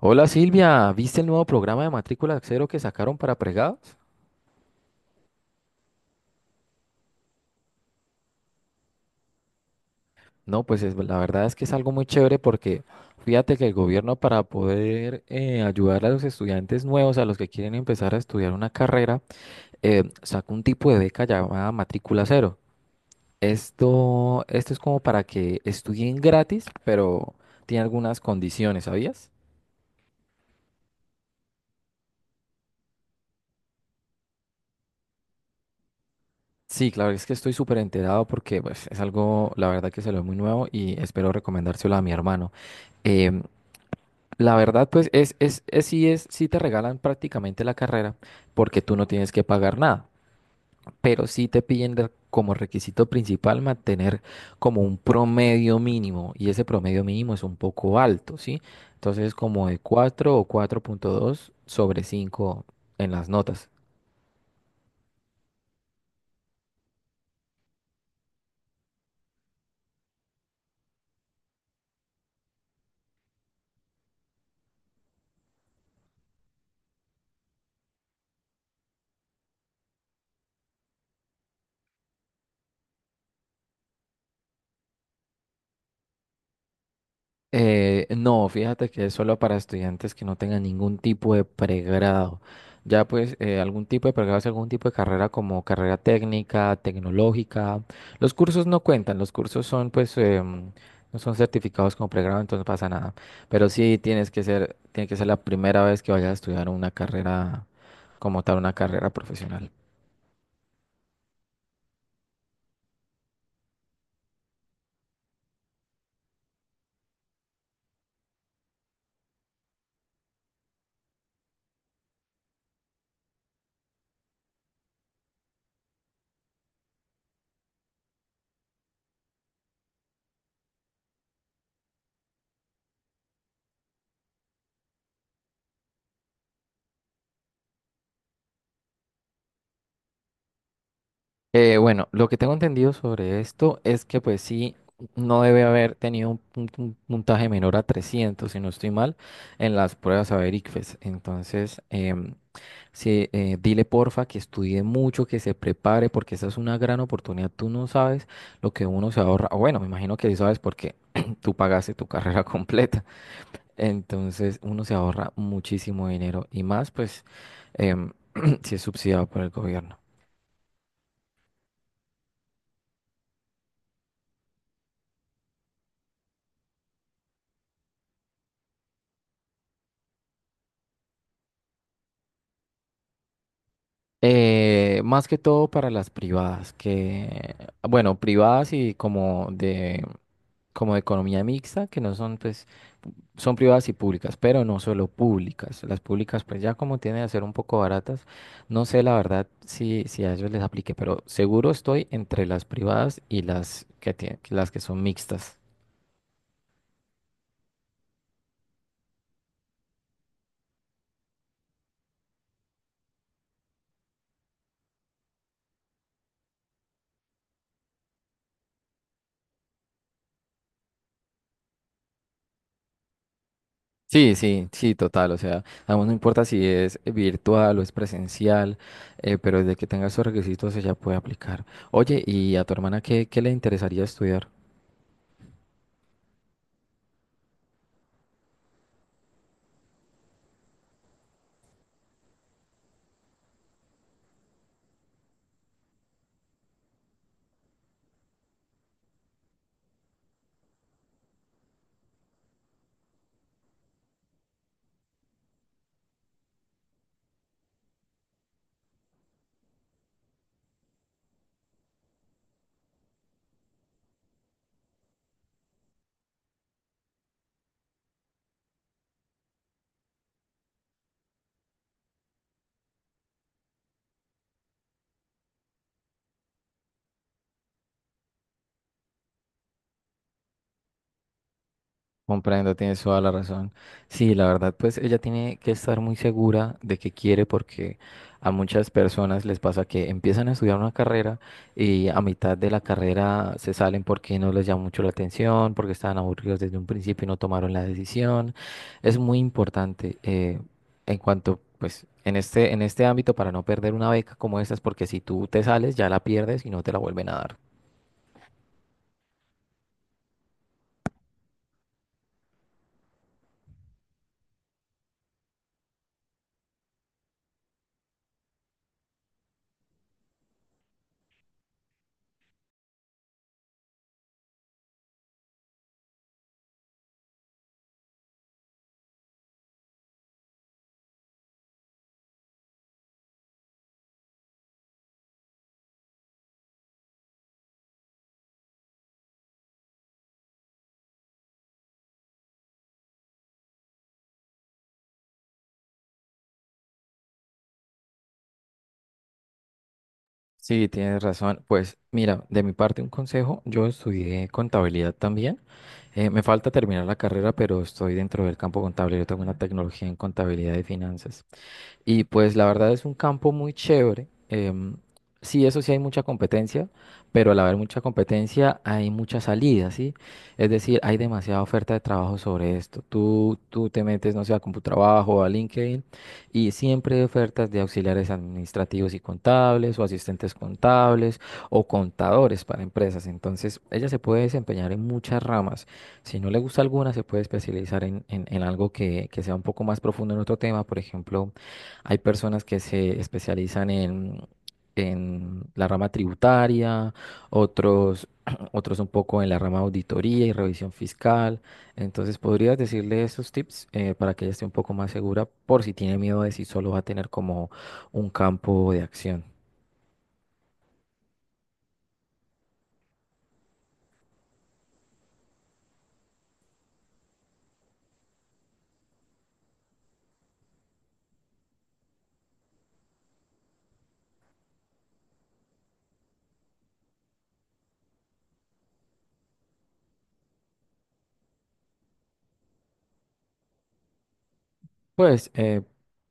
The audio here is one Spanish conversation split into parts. Hola Silvia, ¿viste el nuevo programa de matrícula cero que sacaron para pregados? No, pues la verdad es que es algo muy chévere porque fíjate que el gobierno para poder ayudar a los estudiantes nuevos, a los que quieren empezar a estudiar una carrera, sacó un tipo de beca llamada matrícula cero. Esto es como para que estudien gratis, pero tiene algunas condiciones, ¿sabías? Sí, claro, es que estoy súper enterado porque pues, es algo, la verdad que se lo muy nuevo y espero recomendárselo a mi hermano. Em, La verdad, pues sí te regalan prácticamente la carrera porque tú no tienes que pagar nada, pero sí te piden como requisito principal mantener como un promedio mínimo y ese promedio mínimo es un poco alto, ¿sí? Entonces como de cuatro o 4,2 sobre 5 en las notas. No, fíjate que es solo para estudiantes que no tengan ningún tipo de pregrado. Ya pues algún tipo de pregrado es algún tipo de carrera como carrera técnica, tecnológica. Los cursos no cuentan, los cursos son pues no son certificados como pregrado, entonces no pasa nada. Pero sí tiene que ser la primera vez que vayas a estudiar una carrera como tal, una carrera profesional. Bueno, lo que tengo entendido sobre esto es que pues sí, no debe haber tenido un puntaje menor a 300, si no estoy mal, en las pruebas saber ICFES. Entonces, sí, dile porfa que estudie mucho, que se prepare, porque esa es una gran oportunidad. Tú no sabes lo que uno se ahorra. O Bueno, me imagino que sí sabes porque tú pagaste tu carrera completa. Entonces, uno se ahorra muchísimo dinero y más pues em, si es subsidiado por el gobierno. Más que todo para las privadas, que, bueno, privadas y como de economía mixta, que no son, pues, son privadas y públicas, pero no solo públicas. Las públicas, pues, ya como tienen a ser un poco baratas, no sé la verdad si, si a ellos les aplique, pero seguro estoy entre las privadas y las que las que son mixtas. Sí, sí, sí, total. O sea, aún no importa si es virtual o es presencial, pero desde que tenga esos requisitos ella puede aplicar. Oye, ¿y a tu hermana qué, qué le interesaría estudiar? Comprendo, tienes toda la razón. Sí, la verdad, pues ella tiene que estar muy segura de que quiere porque a muchas personas les pasa que empiezan a estudiar una carrera y a mitad de la carrera se salen porque no les llama mucho la atención, porque estaban aburridos desde un principio y no tomaron la decisión. Es muy importante en cuanto, pues, en este ámbito para no perder una beca como estas, porque si tú te sales ya la pierdes y no te la vuelven a dar. Sí, tienes razón. Pues mira, de mi parte un consejo, yo estudié contabilidad también. Me falta terminar la carrera, pero estoy dentro del campo contable. Yo tengo una tecnología en contabilidad y finanzas. Y pues la verdad es un campo muy chévere. Sí, eso sí hay mucha competencia, pero al haber mucha competencia hay mucha salida, ¿sí? Es decir, hay demasiada oferta de trabajo sobre esto. Tú te metes, no sé, a CompuTrabajo o a LinkedIn y siempre hay ofertas de auxiliares administrativos y contables o asistentes contables o contadores para empresas. Entonces, ella se puede desempeñar en muchas ramas. Si no le gusta alguna, se puede especializar en algo que sea un poco más profundo en otro tema, por ejemplo. Hay personas que se especializan en la rama tributaria, otros, otros un poco en la rama auditoría y revisión fiscal. Entonces, ¿podrías decirle esos tips para que ella esté un poco más segura por si tiene miedo de si solo va a tener como un campo de acción? Pues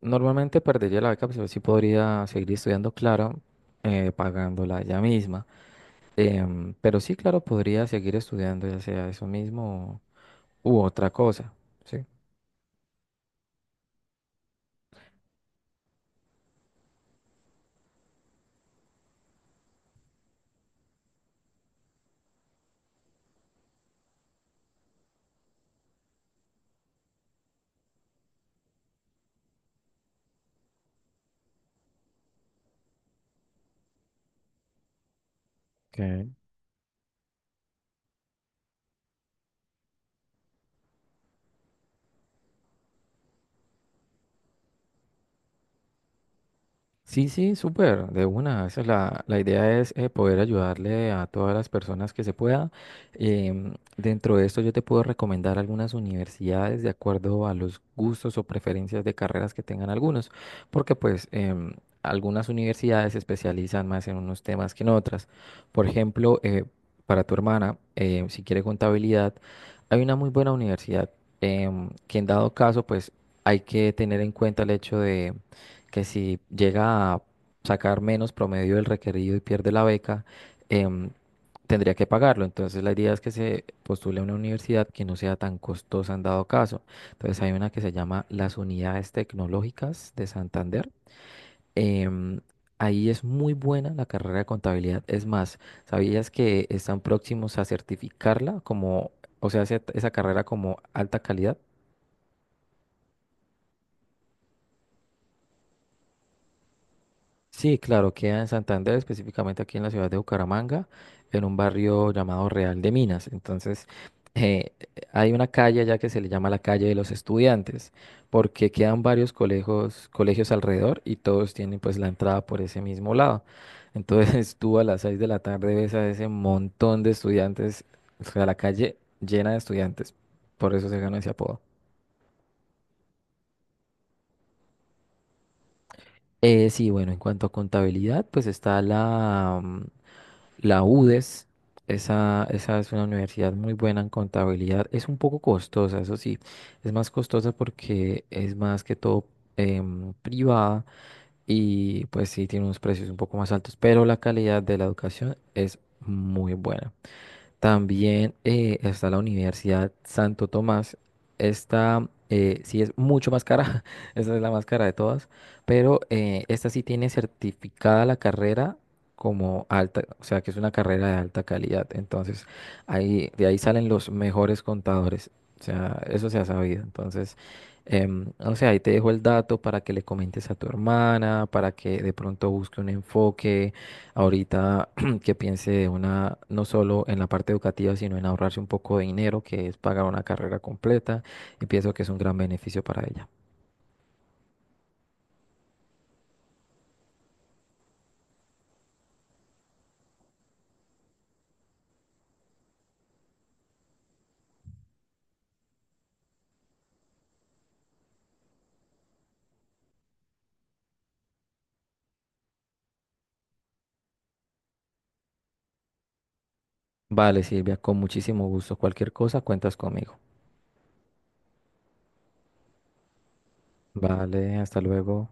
normalmente perdería la beca, pero sí podría seguir estudiando, claro, pagándola ella misma. Pero sí, claro, podría seguir estudiando, ya sea eso mismo u otra cosa, ¿sí? Ok. Sí, sí, súper, de una. Esa es la, la idea es poder ayudarle a todas las personas que se pueda. Dentro de esto yo te puedo recomendar algunas universidades de acuerdo a los gustos o preferencias de carreras que tengan algunos, porque pues algunas universidades se especializan más en unos temas que en otras. Por ejemplo, para tu hermana, si quiere contabilidad, hay una muy buena universidad que en dado caso pues hay que tener en cuenta el hecho que si llega a sacar menos promedio del requerido y pierde la beca, em, tendría que pagarlo. Entonces la idea es que se postule a una universidad que no sea tan costosa en dado caso. Entonces hay una que se llama las Unidades Tecnológicas de Santander. Em, Ahí es muy buena la carrera de contabilidad. Es más, ¿sabías que están próximos a certificarla como, o sea, esa carrera como alta calidad? Sí, claro, queda en Santander, específicamente aquí en la ciudad de Bucaramanga, en un barrio llamado Real de Minas. Entonces, eh, hay una calle allá que se le llama la calle de los estudiantes, porque quedan varios colegios, colegios alrededor y todos tienen pues la entrada por ese mismo lado. Entonces, tú a las 6 de la tarde ves a ese montón de estudiantes, o sea, la calle llena de estudiantes, por eso se ganó ese apodo. Sí, bueno, en cuanto a contabilidad, pues está La UDES, esa es una universidad muy buena en contabilidad. Es un poco costosa, eso sí. Es más costosa porque es más que todo privada y pues sí tiene unos precios un poco más altos, pero la calidad de la educación es muy buena. También está la Universidad Santo Tomás. Esta sí es mucho más cara, esta es la más cara de todas, pero esta sí tiene certificada la carrera como alta, o sea que es una carrera de alta calidad. Entonces, ahí, de ahí salen los mejores contadores. O sea, eso se ha sabido. Entonces, no sé, ahí te dejo el dato para que le comentes a tu hermana, para que de pronto busque un enfoque. Ahorita que piense una, no solo en la parte educativa, sino en ahorrarse un poco de dinero, que es pagar una carrera completa, y pienso que es un gran beneficio para ella. Vale, Silvia, con muchísimo gusto. Cualquier cosa, cuentas conmigo. Vale, hasta luego.